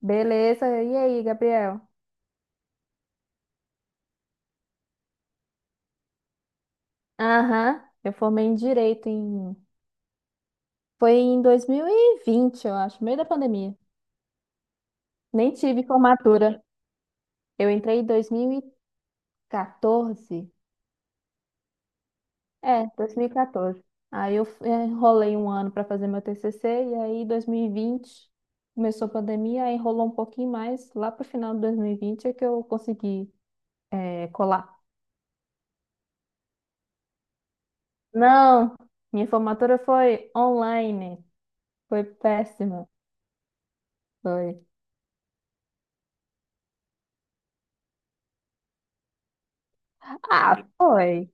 Beleza. E aí, Gabriel? Aham, eu formei em direito. Foi em 2020, eu acho, meio da pandemia. Nem tive formatura. Eu entrei em 2014. É, 2014. Aí eu enrolei um ano para fazer meu TCC, e aí 2020 começou a pandemia, aí enrolou um pouquinho mais. Lá pro final de 2020 é que eu consegui, colar. Não, minha formatura foi online. Foi péssima. Foi. Ah, foi,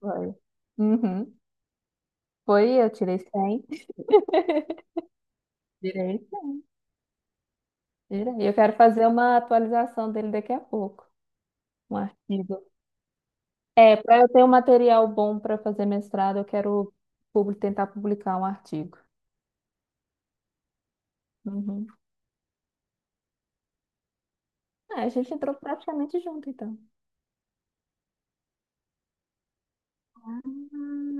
foi. Uhum. Foi, eu tirei 100. Tirei, tirei. Eu quero fazer uma atualização dele daqui a pouco, um artigo. É, para eu ter um material bom para fazer mestrado, eu quero tentar publicar um artigo. Uhum. Ah, a gente entrou praticamente junto, então. Ah,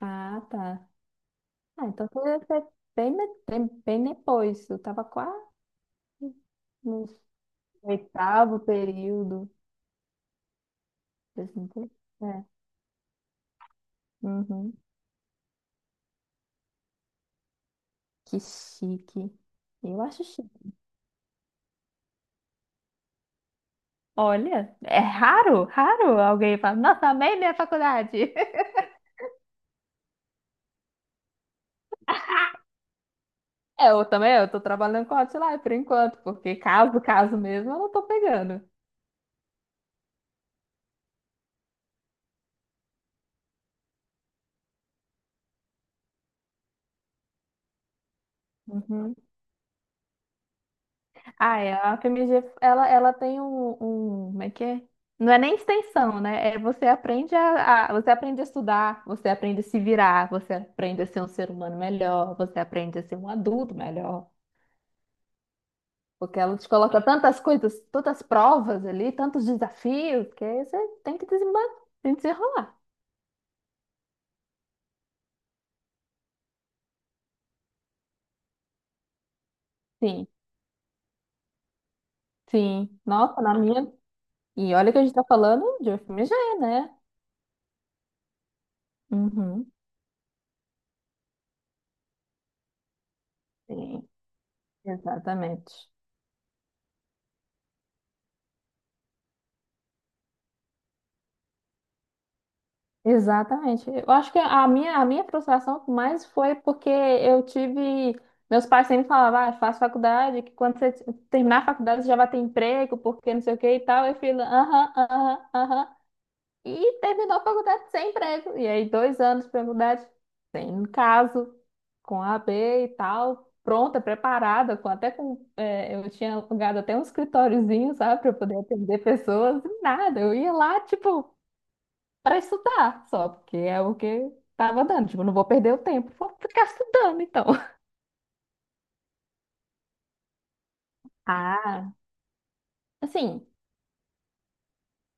ah, tá. Ah, então foi bem, bem depois. Eu estava quase no oitavo período. Assim, é. Uhum. Que chique. Eu acho chique. Olha, é raro, raro alguém fala, nossa, amei minha faculdade. É, eu também, eu tô trabalhando com Hotline por enquanto, porque caso, caso mesmo, eu não tô pegando. Uhum. Ah, é, a FMG, ela tem um, como é que é? Não é nem extensão, né? É você aprende você aprende a estudar, você aprende a se virar, você aprende a ser um ser humano melhor, você aprende a ser um adulto melhor. Porque ela te coloca tantas coisas, tantas provas ali, tantos desafios, que aí você tem que desenrolar. Sim, sim. Nossa, na minha. E olha que a gente tá falando de FMG, né? Uhum. Sim, exatamente. Exatamente. Eu acho que a minha frustração mais foi porque eu tive. Meus pais sempre falavam, ah, faz faculdade, que quando você terminar a faculdade você já vai ter emprego, porque não sei o que e tal. Eu falei, aham, aham, aham. E terminou a faculdade sem emprego. E aí, 2 anos de faculdade, sem caso, com a AB e tal, pronta, preparada, com, até com. Eu tinha alugado até um escritóriozinho, sabe, para poder atender pessoas, e nada. Eu ia lá, tipo, para estudar só, porque é o que tava dando. Tipo, não vou perder o tempo, vou ficar estudando, então. Ah, assim.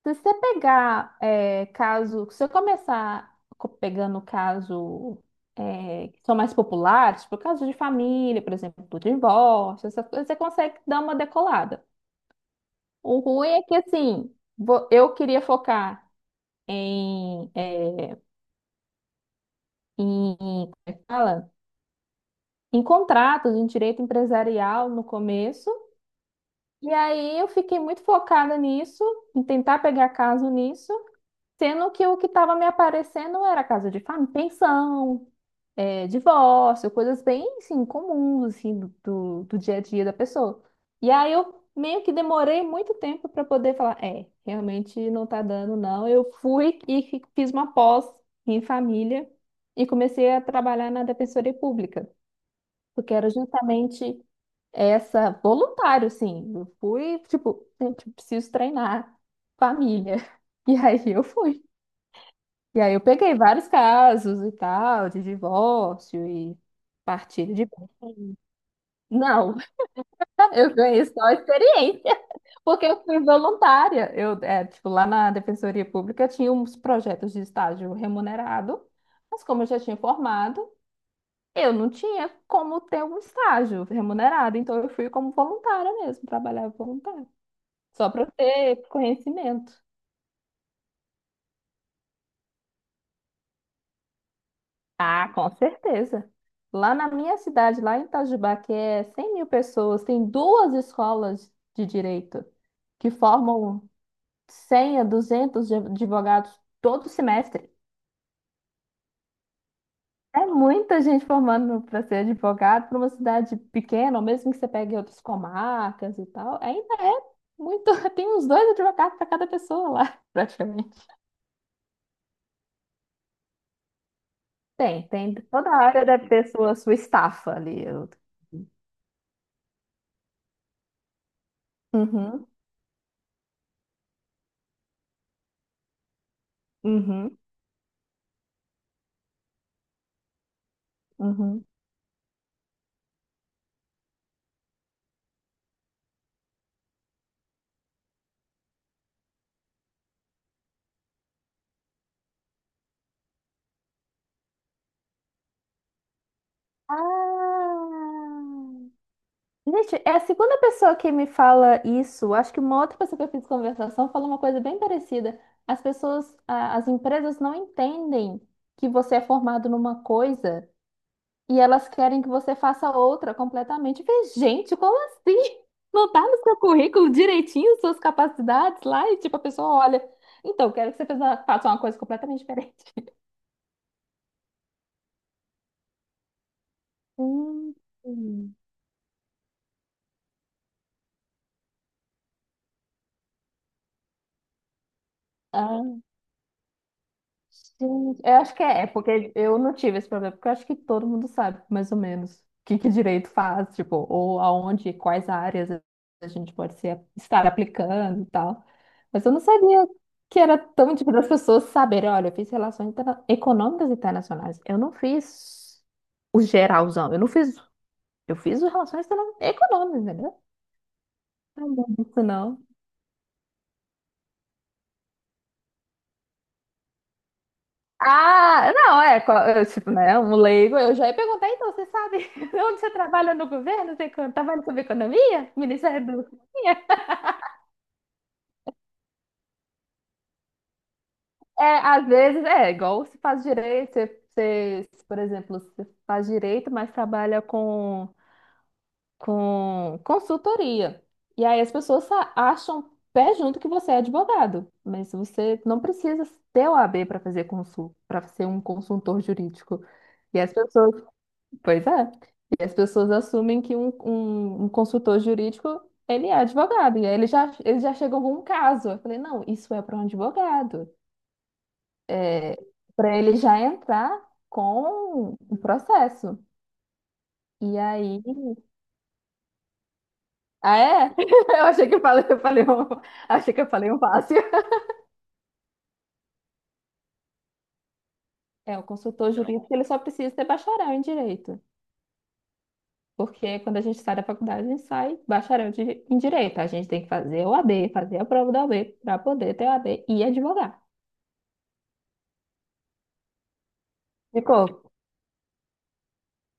Se você pegar caso, se eu começar pegando caso, que são mais populares, tipo caso de família, por exemplo, do divórcio, essas coisas, você consegue dar uma decolada. O ruim é que assim, eu queria focar em, é, em, como é que fala? Em contratos, em direito empresarial no começo, e aí eu fiquei muito focada nisso, em tentar pegar caso nisso. Sendo que o que estava me aparecendo era casa de família, pensão, divórcio, coisas bem, assim, comuns, assim, do dia a dia da pessoa. E aí eu meio que demorei muito tempo para poder falar, realmente não tá dando, não. Eu fui e fiz uma pós em família e comecei a trabalhar na Defensoria Pública, porque era justamente essa, voluntário, assim. Eu fui, tipo, gente, preciso treinar família. E aí eu fui. E aí eu peguei vários casos e tal, de divórcio e partilha de bens. Não, eu ganhei só a experiência, porque eu fui voluntária. Eu, tipo, lá na Defensoria Pública tinha uns projetos de estágio remunerado, mas como eu já tinha formado, eu não tinha como ter um estágio remunerado, então eu fui como voluntária mesmo, trabalhava voluntária, só para ter conhecimento. Ah, com certeza. Lá na minha cidade, lá em Itajubá, que é 100 mil pessoas, tem duas escolas de direito que formam 100 a 200 advogados todo semestre. É muita gente formando para ser advogado para uma cidade pequena, ou mesmo que você pegue outras comarcas e tal. Ainda é muito. Tem uns dois advogados para cada pessoa lá, praticamente. Tem, tem. Toda área deve ter sua estafa ali. Uhum, uhum, uhum. Ah! Gente, é a segunda pessoa que me fala isso. Acho que uma outra pessoa que eu fiz conversação falou uma coisa bem parecida. As pessoas, as empresas não entendem que você é formado numa coisa e elas querem que você faça outra completamente. Eu falei, gente, como assim? Não tá no seu currículo direitinho suas capacidades lá e tipo a pessoa olha. Então, quero que você faça uma coisa completamente diferente. Hum. Sim, eu acho que é, porque eu não tive esse problema, porque eu acho que todo mundo sabe, mais ou menos, o que que direito faz, tipo, ou aonde, quais áreas a gente pode ser, estar aplicando e tal. Mas eu não sabia que era tão difícil das pessoas saberem, olha, eu fiz relações econômicas internacionais, eu não fiz o geralzão, eu não fiz, eu fiz o relações econômicas, entendeu? Não, não, isso não. Ah, não, eu, tipo, né, um leigo, eu já ia perguntar, então, você sabe onde você trabalha no governo? Você trabalha com economia? Ministério da Economia? É, às vezes, igual se faz direito, você, por exemplo, você faz direito, mas trabalha com consultoria. E aí as pessoas acham pé junto que você é advogado, mas você não precisa ter o OAB para para ser um consultor jurídico. E as pessoas. Pois é. E as pessoas assumem que um consultor jurídico, ele é advogado. E aí eles já chegam com um caso. Eu falei, não, isso é para um advogado. É, para ele já entrar com o processo. E aí... Ah, é? Eu achei que eu falei um fácil. É, o consultor jurídico, ele só precisa ter bacharel em direito. Porque quando a gente sai da faculdade, a gente sai bacharel em direito. A gente tem que fazer o OAB, fazer a prova da OAB para poder ter o OAB e advogar. Ficou.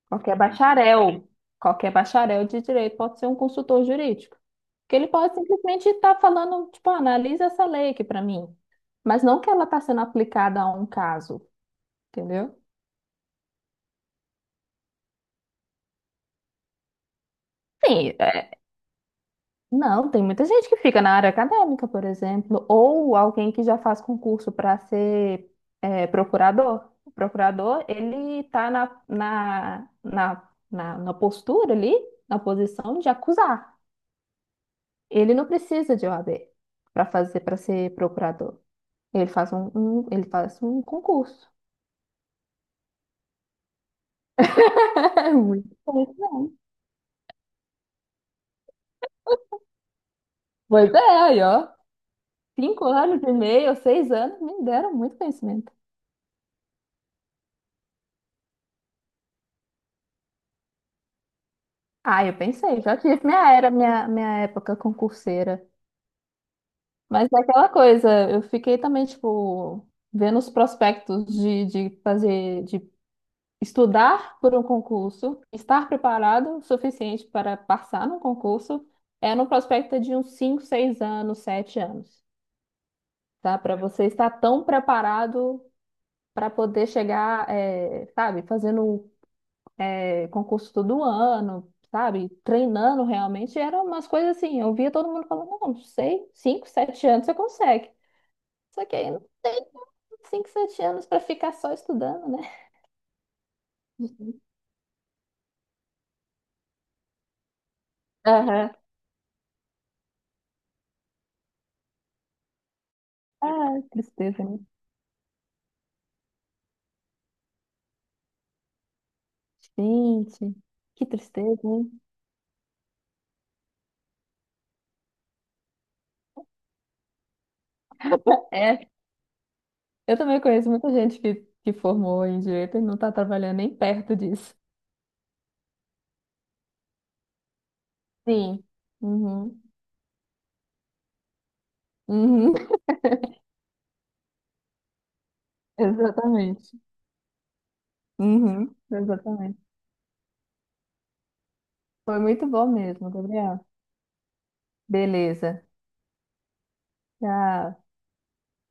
Qualquer bacharel, qualquer bacharel de direito pode ser um consultor jurídico. Porque ele pode simplesmente estar falando, tipo, "Ah, analisa essa lei aqui para mim. Mas não que ela está sendo aplicada a um caso, entendeu? Sim, não, tem muita gente que fica na área acadêmica, por exemplo, ou alguém que já faz concurso para ser procurador. O procurador, ele está na postura ali, na posição de acusar. Ele não precisa de OAB para para ser procurador. Ele faz um concurso. É muito conhecimento. Pois é, aí, ó. 5 anos e meio, 6 anos, me deram muito conhecimento. Ah, eu pensei, já tive minha época concurseira. Mas é aquela coisa, eu fiquei também, tipo, vendo os prospectos de estudar por um concurso, estar preparado o suficiente para passar no concurso, no prospecto de uns 5, 6 anos, 7 anos, tá? Para você estar tão preparado para poder chegar, sabe, fazendo concurso todo ano, sabe? Treinando realmente, eram umas coisas assim. Eu via todo mundo falando, não, não sei, 5, 7 anos você consegue. Só que aí não tem 5, 7 anos para ficar só estudando, né? Uhum. Aham. Ah, tristeza, né? Gente, que tristeza, hein? É, eu também conheço muita gente que formou em direito e não está trabalhando nem perto disso. Sim. Uhum. Uhum. Exatamente. Uhum. Exatamente. Foi muito bom mesmo, Gabriel. Beleza. Tchau.